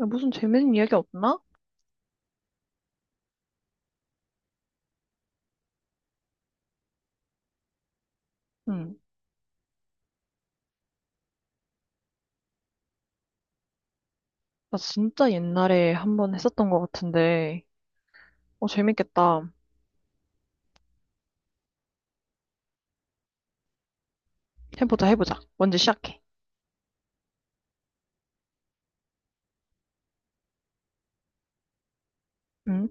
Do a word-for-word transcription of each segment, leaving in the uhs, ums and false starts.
야, 무슨 재밌는 이야기 없나? 응. 나 진짜 옛날에 한번 했었던 것 같은데. 어, 재밌겠다. 해보자, 해보자. 먼저 시작해. 응?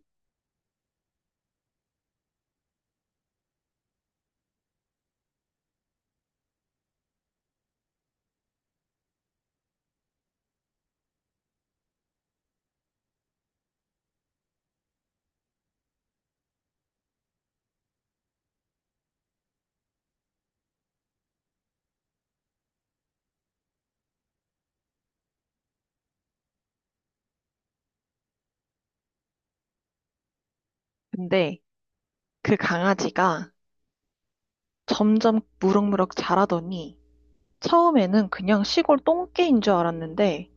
근데 그 강아지가 점점 무럭무럭 자라더니 처음에는 그냥 시골 똥개인 줄 알았는데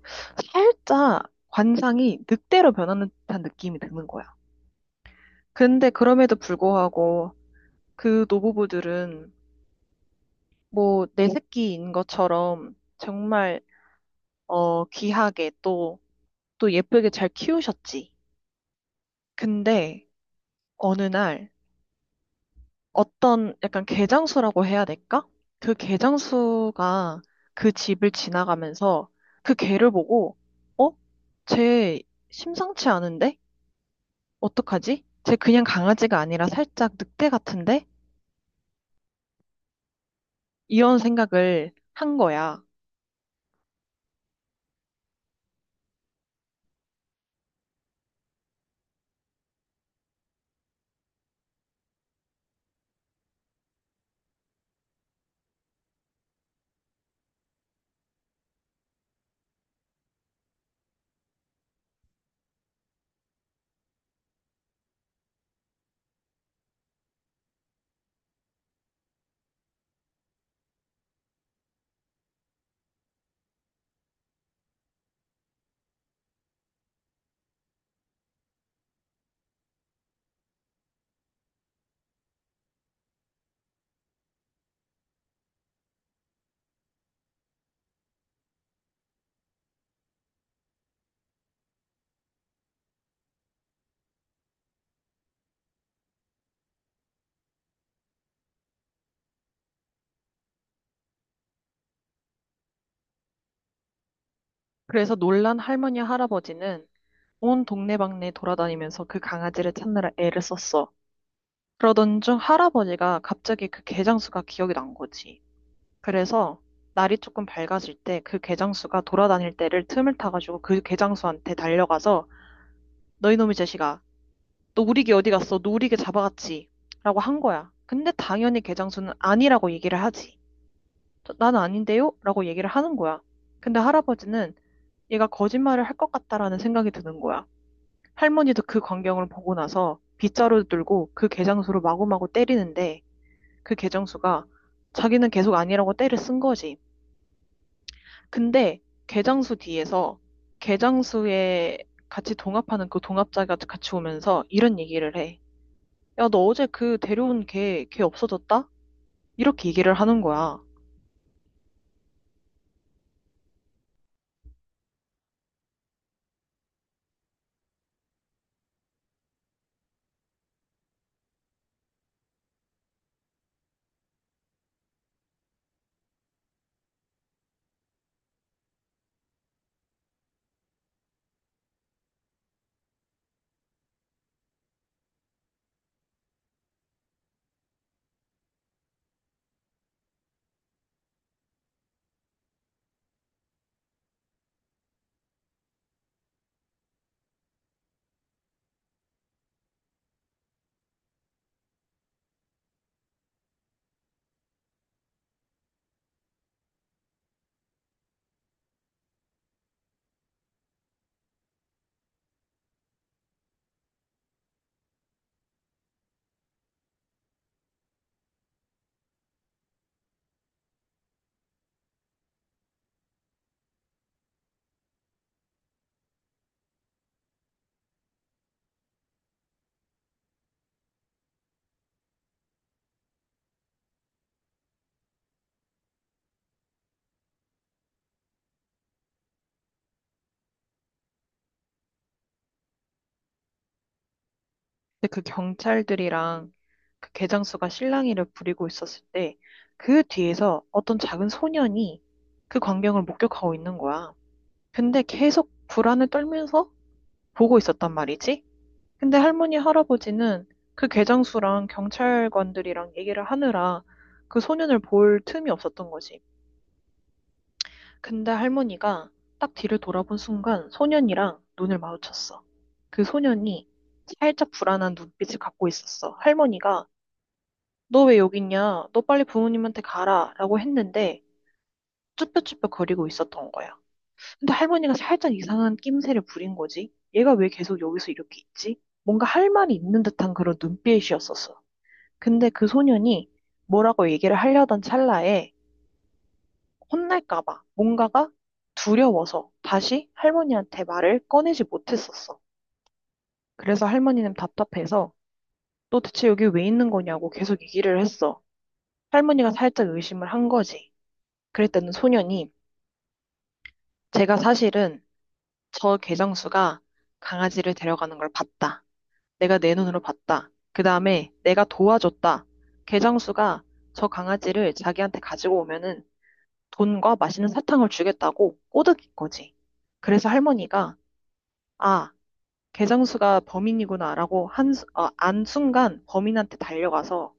살짝 관상이 늑대로 변하는 듯한 느낌이 드는 거야. 근데 그럼에도 불구하고 그 노부부들은 뭐 내 새끼인 것처럼 정말 어, 귀하게 또 또 예쁘게 잘 키우셨지. 근데 어느 날 어떤 약간 개장수라고 해야 될까? 그 개장수가 그 집을 지나가면서 그 개를 보고 어? 쟤 심상치 않은데? 어떡하지? 쟤 그냥 강아지가 아니라 살짝 늑대 같은데? 이런 생각을 한 거야. 그래서 놀란 할머니 할아버지는 온 동네방네 돌아다니면서 그 강아지를 찾느라 애를 썼어. 그러던 중 할아버지가 갑자기 그 개장수가 기억이 난 거지. 그래서 날이 조금 밝아질 때 그 개장수가 돌아다닐 때를 틈을 타가지고 그 개장수한테 달려가서 너희 놈의 제시가 너 우리 개 어디 갔어? 너 우리 개 잡아갔지? 라고 한 거야. 근데 당연히 개장수는 아니라고 얘기를 하지. 나는 아닌데요? 라고 얘기를 하는 거야. 근데 할아버지는 얘가 거짓말을 할 것 같다라는 생각이 드는 거야. 할머니도 그 광경을 보고 나서 빗자루 들고 그 개장수를 마구마구 때리는데 그 개장수가 자기는 계속 아니라고 때를 쓴 거지. 근데 개장수 뒤에서 개장수에 같이 동업하는 그 동업자가 같이 오면서 이런 얘기를 해. 야, 너 어제 그 데려온 걔, 걔 없어졌다? 이렇게 얘기를 하는 거야. 근데 그 경찰들이랑 그 개장수가 실랑이를 부리고 있었을 때 그 뒤에서 어떤 작은 소년이 그 광경을 목격하고 있는 거야. 근데 계속 불안을 떨면서 보고 있었단 말이지. 근데 할머니, 할아버지는 그 괴장수랑 경찰관들이랑 얘기를 하느라 그 소년을 볼 틈이 없었던 거지. 근데 할머니가 딱 뒤를 돌아본 순간 소년이랑 눈을 마주쳤어. 그 소년이 살짝 불안한 눈빛을 갖고 있었어. 할머니가 너 왜 여기 있냐? 너 빨리 부모님한테 가라. 라고 했는데 쭈뼛쭈뼛 거리고 있었던 거야. 근데 할머니가 살짝 이상한 낌새를 부린 거지. 얘가 왜 계속 여기서 이렇게 있지? 뭔가 할 말이 있는 듯한 그런 눈빛이었었어. 근데 그 소년이 뭐라고 얘기를 하려던 찰나에 혼날까 봐 뭔가가 두려워서 다시 할머니한테 말을 꺼내지 못했었어. 그래서 할머니는 답답해서 너 대체 여기 왜 있는 거냐고 계속 얘기를 했어. 할머니가 살짝 의심을 한 거지. 그랬더니 소년이 제가 사실은 저 개정수가 강아지를 데려가는 걸 봤다. 내가 내 눈으로 봤다. 그 다음에 내가 도와줬다. 개정수가 저 강아지를 자기한테 가지고 오면은 돈과 맛있는 사탕을 주겠다고 꼬드긴 거지. 그래서 할머니가, 아, 개장수가 범인이구나라고 한, 수- 어, 안 순간 범인한테 달려가서,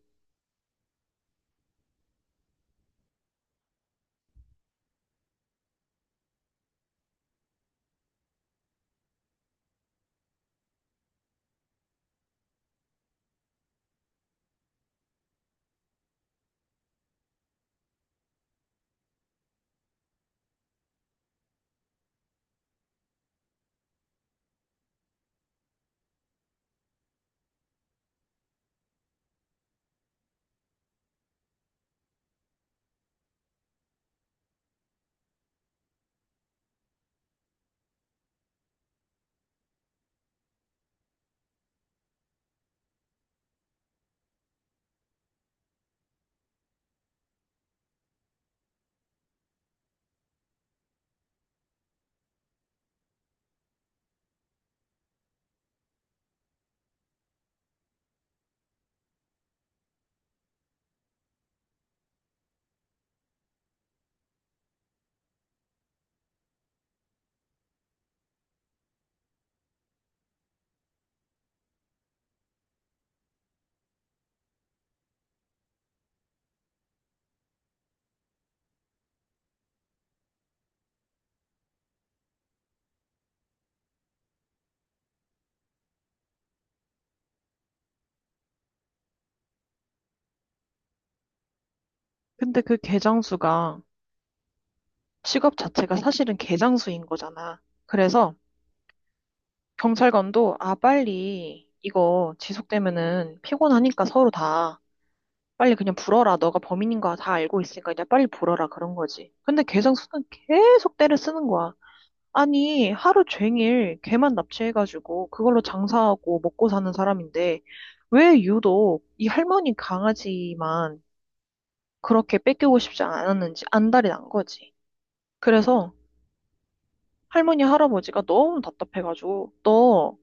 근데 그 개장수가 직업 자체가 사실은 개장수인 거잖아. 그래서 경찰관도, 아, 빨리 이거 지속되면은 피곤하니까 서로 다 빨리 그냥 불어라. 너가 범인인 거 다 알고 있으니까 그냥 빨리 불어라. 그런 거지. 근데 개장수는 계속 때를 쓰는 거야. 아니, 하루 종일 개만 납치해가지고 그걸로 장사하고 먹고 사는 사람인데 왜 유독 이 할머니 강아지만 그렇게 뺏기고 싶지 않았는지 안달이 난 거지. 그래서 할머니 할아버지가 너무 답답해가지고 너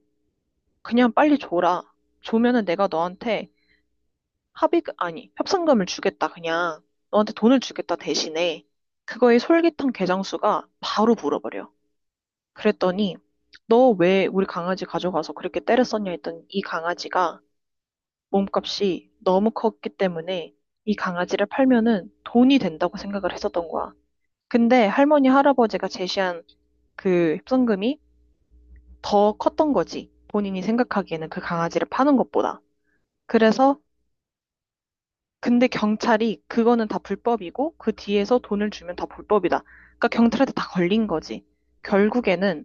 그냥 빨리 줘라. 줘면은 내가 너한테 합의, 아니, 협상금을 주겠다, 그냥. 너한테 돈을 주겠다 대신에 그거의 솔깃한 개장수가 바로 물어버려. 그랬더니 너 왜 우리 강아지 가져가서 그렇게 때렸었냐 했더니 이 강아지가 몸값이 너무 컸기 때문에 이 강아지를 팔면은 돈이 된다고 생각을 했었던 거야. 근데 할머니 할아버지가 제시한 그 협상금이 더 컸던 거지. 본인이 생각하기에는 그 강아지를 파는 것보다. 그래서 근데 경찰이 그거는 다 불법이고 그 뒤에서 돈을 주면 다 불법이다. 그러니까 경찰한테 다 걸린 거지. 결국에는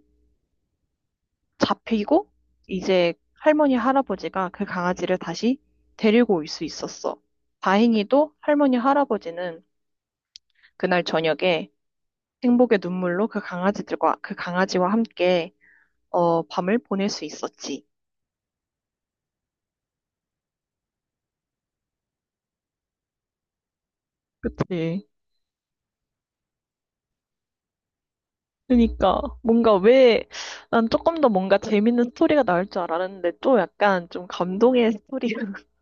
잡히고 이제 할머니 할아버지가 그 강아지를 다시 데리고 올 수 있었어. 다행히도 할머니 할아버지는 그날 저녁에 행복의 눈물로 그 강아지들과 그 강아지와 함께 어, 밤을 보낼 수 있었지. 그치. 그러니까 뭔가 왜 난 조금 더 뭔가 재밌는 스토리가 나올 줄 알았는데 또 약간 좀 감동의 스토리가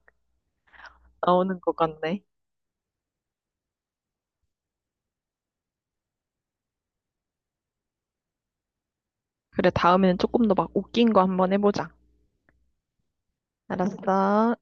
나오는 것 같네. 그래, 다음에는 조금 더 막 웃긴 거 한번 해보자. 알았어.